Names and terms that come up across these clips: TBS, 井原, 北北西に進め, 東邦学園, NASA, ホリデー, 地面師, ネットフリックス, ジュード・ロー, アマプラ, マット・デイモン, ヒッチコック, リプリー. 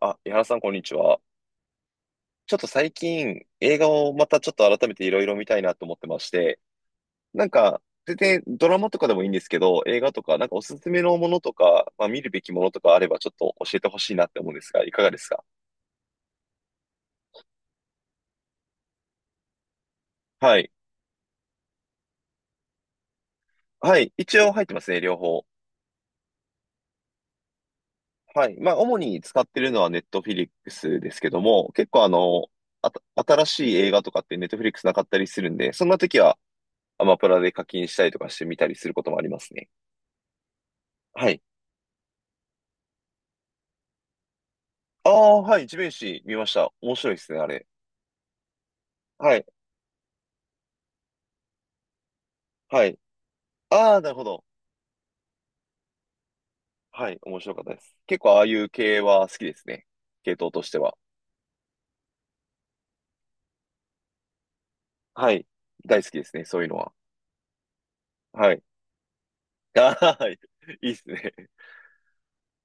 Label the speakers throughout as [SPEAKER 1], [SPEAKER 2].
[SPEAKER 1] あ、井原さん、こんにちは。ちょっと最近、映画をまたちょっと改めていろいろ見たいなと思ってまして、なんか、全然ドラマとかでもいいんですけど、映画とか、なんかおすすめのものとか、まあ、見るべきものとかあれば、ちょっと教えてほしいなって思うんですが、いかがですか？はい。はい。一応入ってますね、両方。はい。まあ、主に使ってるのはネットフィリックスですけども、結構あの、あた、新しい映画とかってネットフィリックスなかったりするんで、そんな時はアマプラで課金したりとかして見たりすることもありますね。はい。ああ、はい、地面師見ました。面白いですね、あれ。はい、はい。ああ、なるほど。はい、面白かったです。結構ああいう系は好きですね。系統としては。はい、大好きですね、そういうのは。はい。あー、はい。いいですね。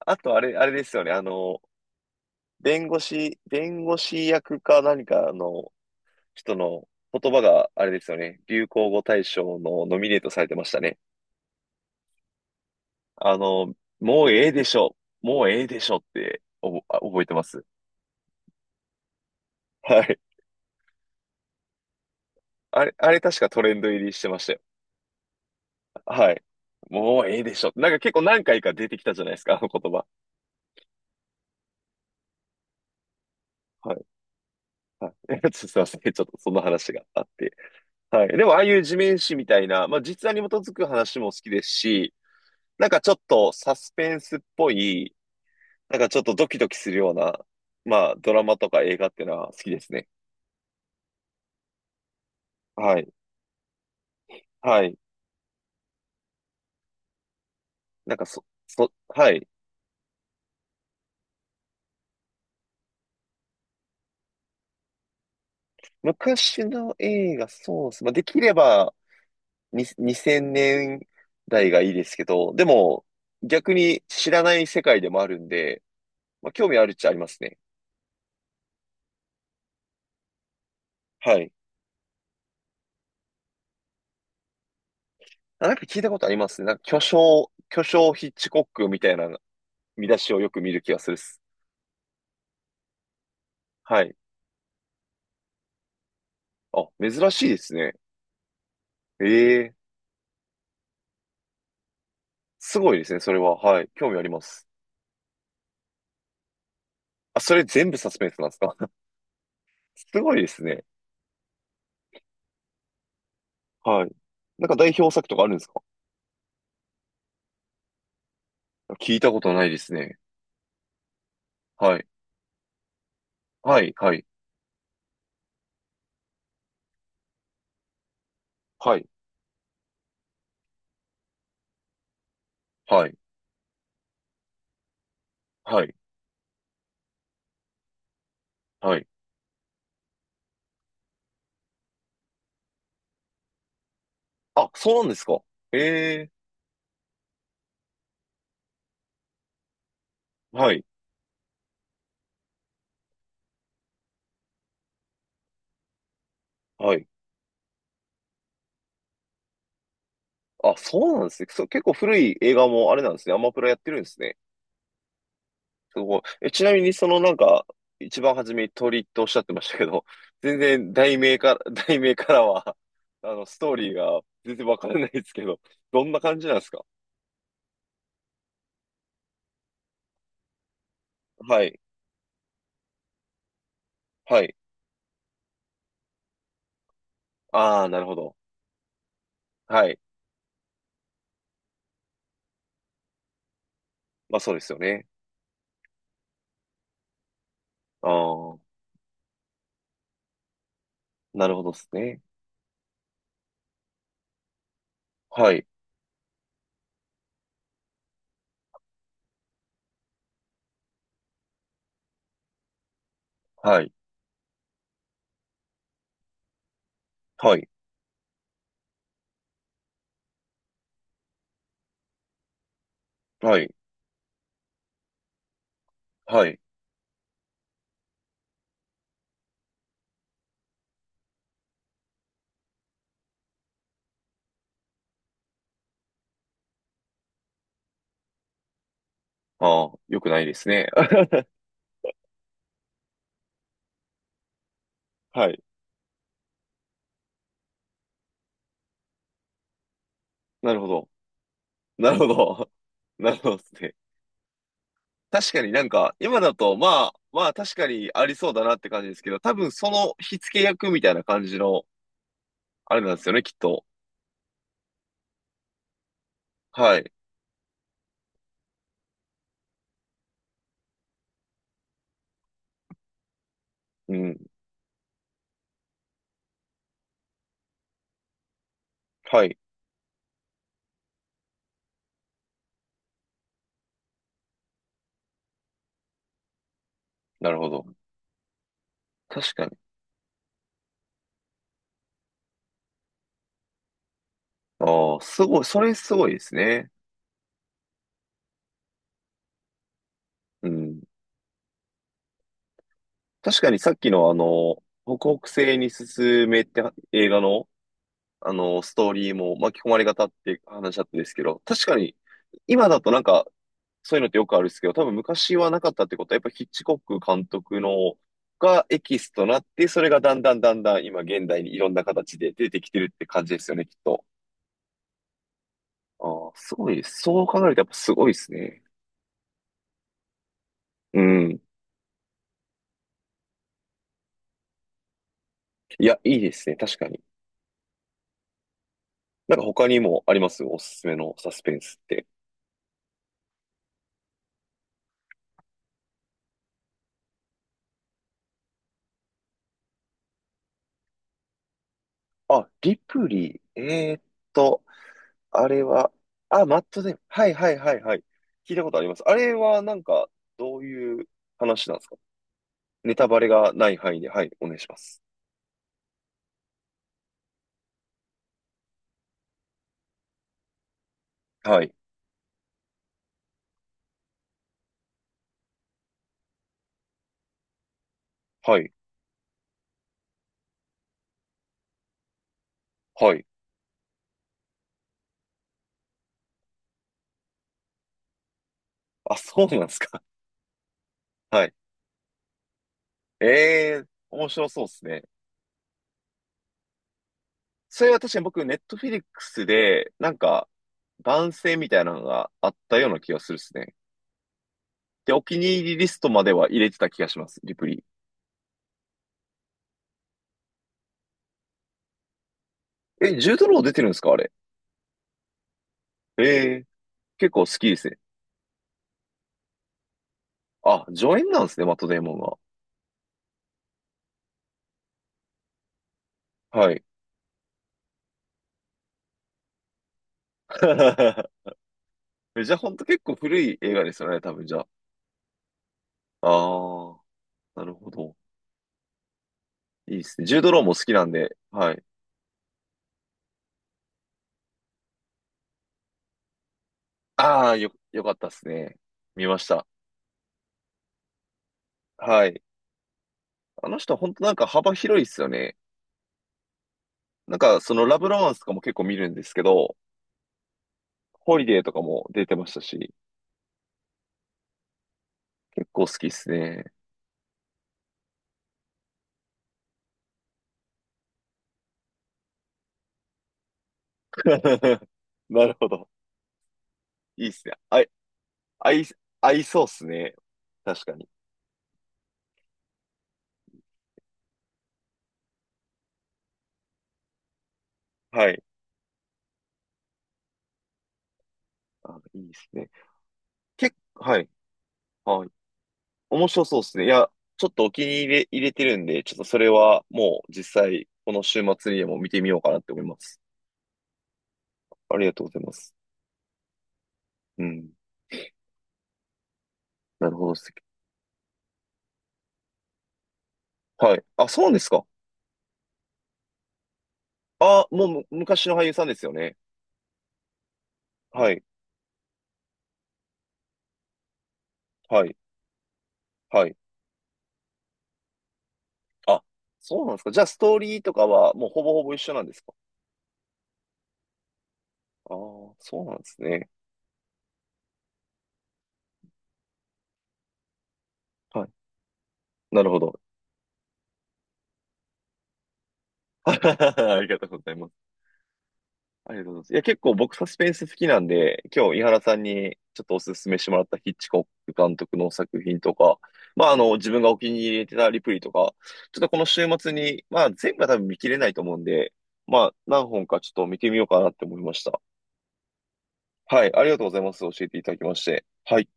[SPEAKER 1] あと、あれですよね。あの、弁護士役か何かの人の言葉が、あれですよね。流行語大賞のノミネートされてましたね。あの、もうええでしょ。もうええでしょって、おぼ、あ覚えてます。はい。あれ確かトレンド入りしてましたよ。はい。もうええでしょ。なんか結構何回か出てきたじゃないですか、あの言葉。はい。はい。ちょっとすいません。ちょっとその話があって。はい。でもああいう地面師みたいな、まあ実話に基づく話も好きですし、なんかちょっとサスペンスっぽい、なんかちょっとドキドキするような、まあドラマとか映画っていうのは好きですね。はい。はい。なんかはい。昔の映画、そうっす。まあできれば、2000年代がいいですけど、でも逆に知らない世界でもあるんで、まあ、興味あるっちゃありますね。はい。あ、なんか聞いたことありますね。なんか巨匠ヒッチコックみたいな見出しをよく見る気がするっす。はい。あ、珍しいですね。ええ、すごいですね、それは。はい。興味あります。あ、それ全部サスペンスなんですか？ すごいですね。はい。なんか代表作とかあるんですか？聞いたことないですね。はい。はい、はい。はい、はい、はい、はい。あ、そうなんですか。ええ、はい、はい。あ、そうなんですね。そう、結構古い映画もあれなんですね。アマプラやってるんですね。すごい。え、ちなみに、そのなんか、一番初めに鳥とおっしゃってましたけど、全然題名から、題名からは、ストーリーが全然わからないですけど、どんな感じなんですか？はい、はい。ああ、なるほど。はい。まあそうですよね。ああ、なるほどですね。はい、はい、はい、はい、はい。ああ、よくないですね。はい、なるほど。なるほど。なるほどですね。確かになんか、今だと、まあ確かにありそうだなって感じですけど、多分その火付け役みたいな感じの、あれなんですよね、きっと。はい。うん。はい。なるほど。確かに。ああ、すごい。それすごいですね。うん。確かにさっきの北北西に進めって映画の、あの、ストーリーも巻き込まれ方って話だったんですけど、確かに、今だとなんか、そういうのってよくあるんですけど、多分昔はなかったってことは、やっぱヒッチコック監督のがエキスとなって、それがだんだんだんだん今現代にいろんな形で出てきてるって感じですよね、きっと。ああ、すごい。そう考えるとやっぱすごいですね。うん。いや、いいですね。確かに。なんか他にもあります？おすすめのサスペンスって。あ、リプリー。と、あれは、あ、マットデイモン。はいはいはいはい。聞いたことあります。あれはなんか、どういう話なんですか？ネタバレがない範囲で、はい、お願いします。はい、はい、はい。あ、そうなんですか。はい。ええー、面白そうですね。それは確かに僕、ネットフィリックスで、なんか、番宣みたいなのがあったような気がするですね。で、お気に入りリストまでは入れてた気がします、リプリ。え、ジュードロー出てるんですか？あれ。ええー、結構好きですね。あ、助演なんですね、マットデイモンが。はい。じゃあ、ほんと結構古い映画ですよね、多分じゃあ。あー、なるほど。いいですね。ジュード・ローも好きなんで、はい。ああ、よかったですね。見ました。はい。あの人、本当なんか幅広いですよね。なんか、そのラブロマンスとかも結構見るんですけど、ホリデーとかも出てましたし、結構好きですね。なるほど。いいっすね。あい、合い、合いそうっすね。確かに。はい。あ、いいっすね。結構、はい。はい。面白そうっすね。いや、ちょっとお気に入り入れてるんで、ちょっとそれはもう実際、この週末にでも見てみようかなって思います。ありがとうございます。うん。なるほどです。はい。あ、そうですか。あ、もう昔の俳優さんですよね。はい。はい。はい。あ、そうなんですか。じゃあ、ストーリーとかはもうほぼほぼ一緒なんですか。ああー、そうなんですね。はい。なるほど。ありがとうございます。ありがとうございます。いや、結構僕サスペンス好きなんで、今日井原さんにちょっとお勧めしてもらったヒッチコック監督の作品とか、まあ、自分がお気に入りてたリプリーとか、ちょっとこの週末に、まあ、全部は多分見切れないと思うんで、まあ、何本かちょっと見てみようかなって思いました。はい、ありがとうございます。教えていただきまして。はい。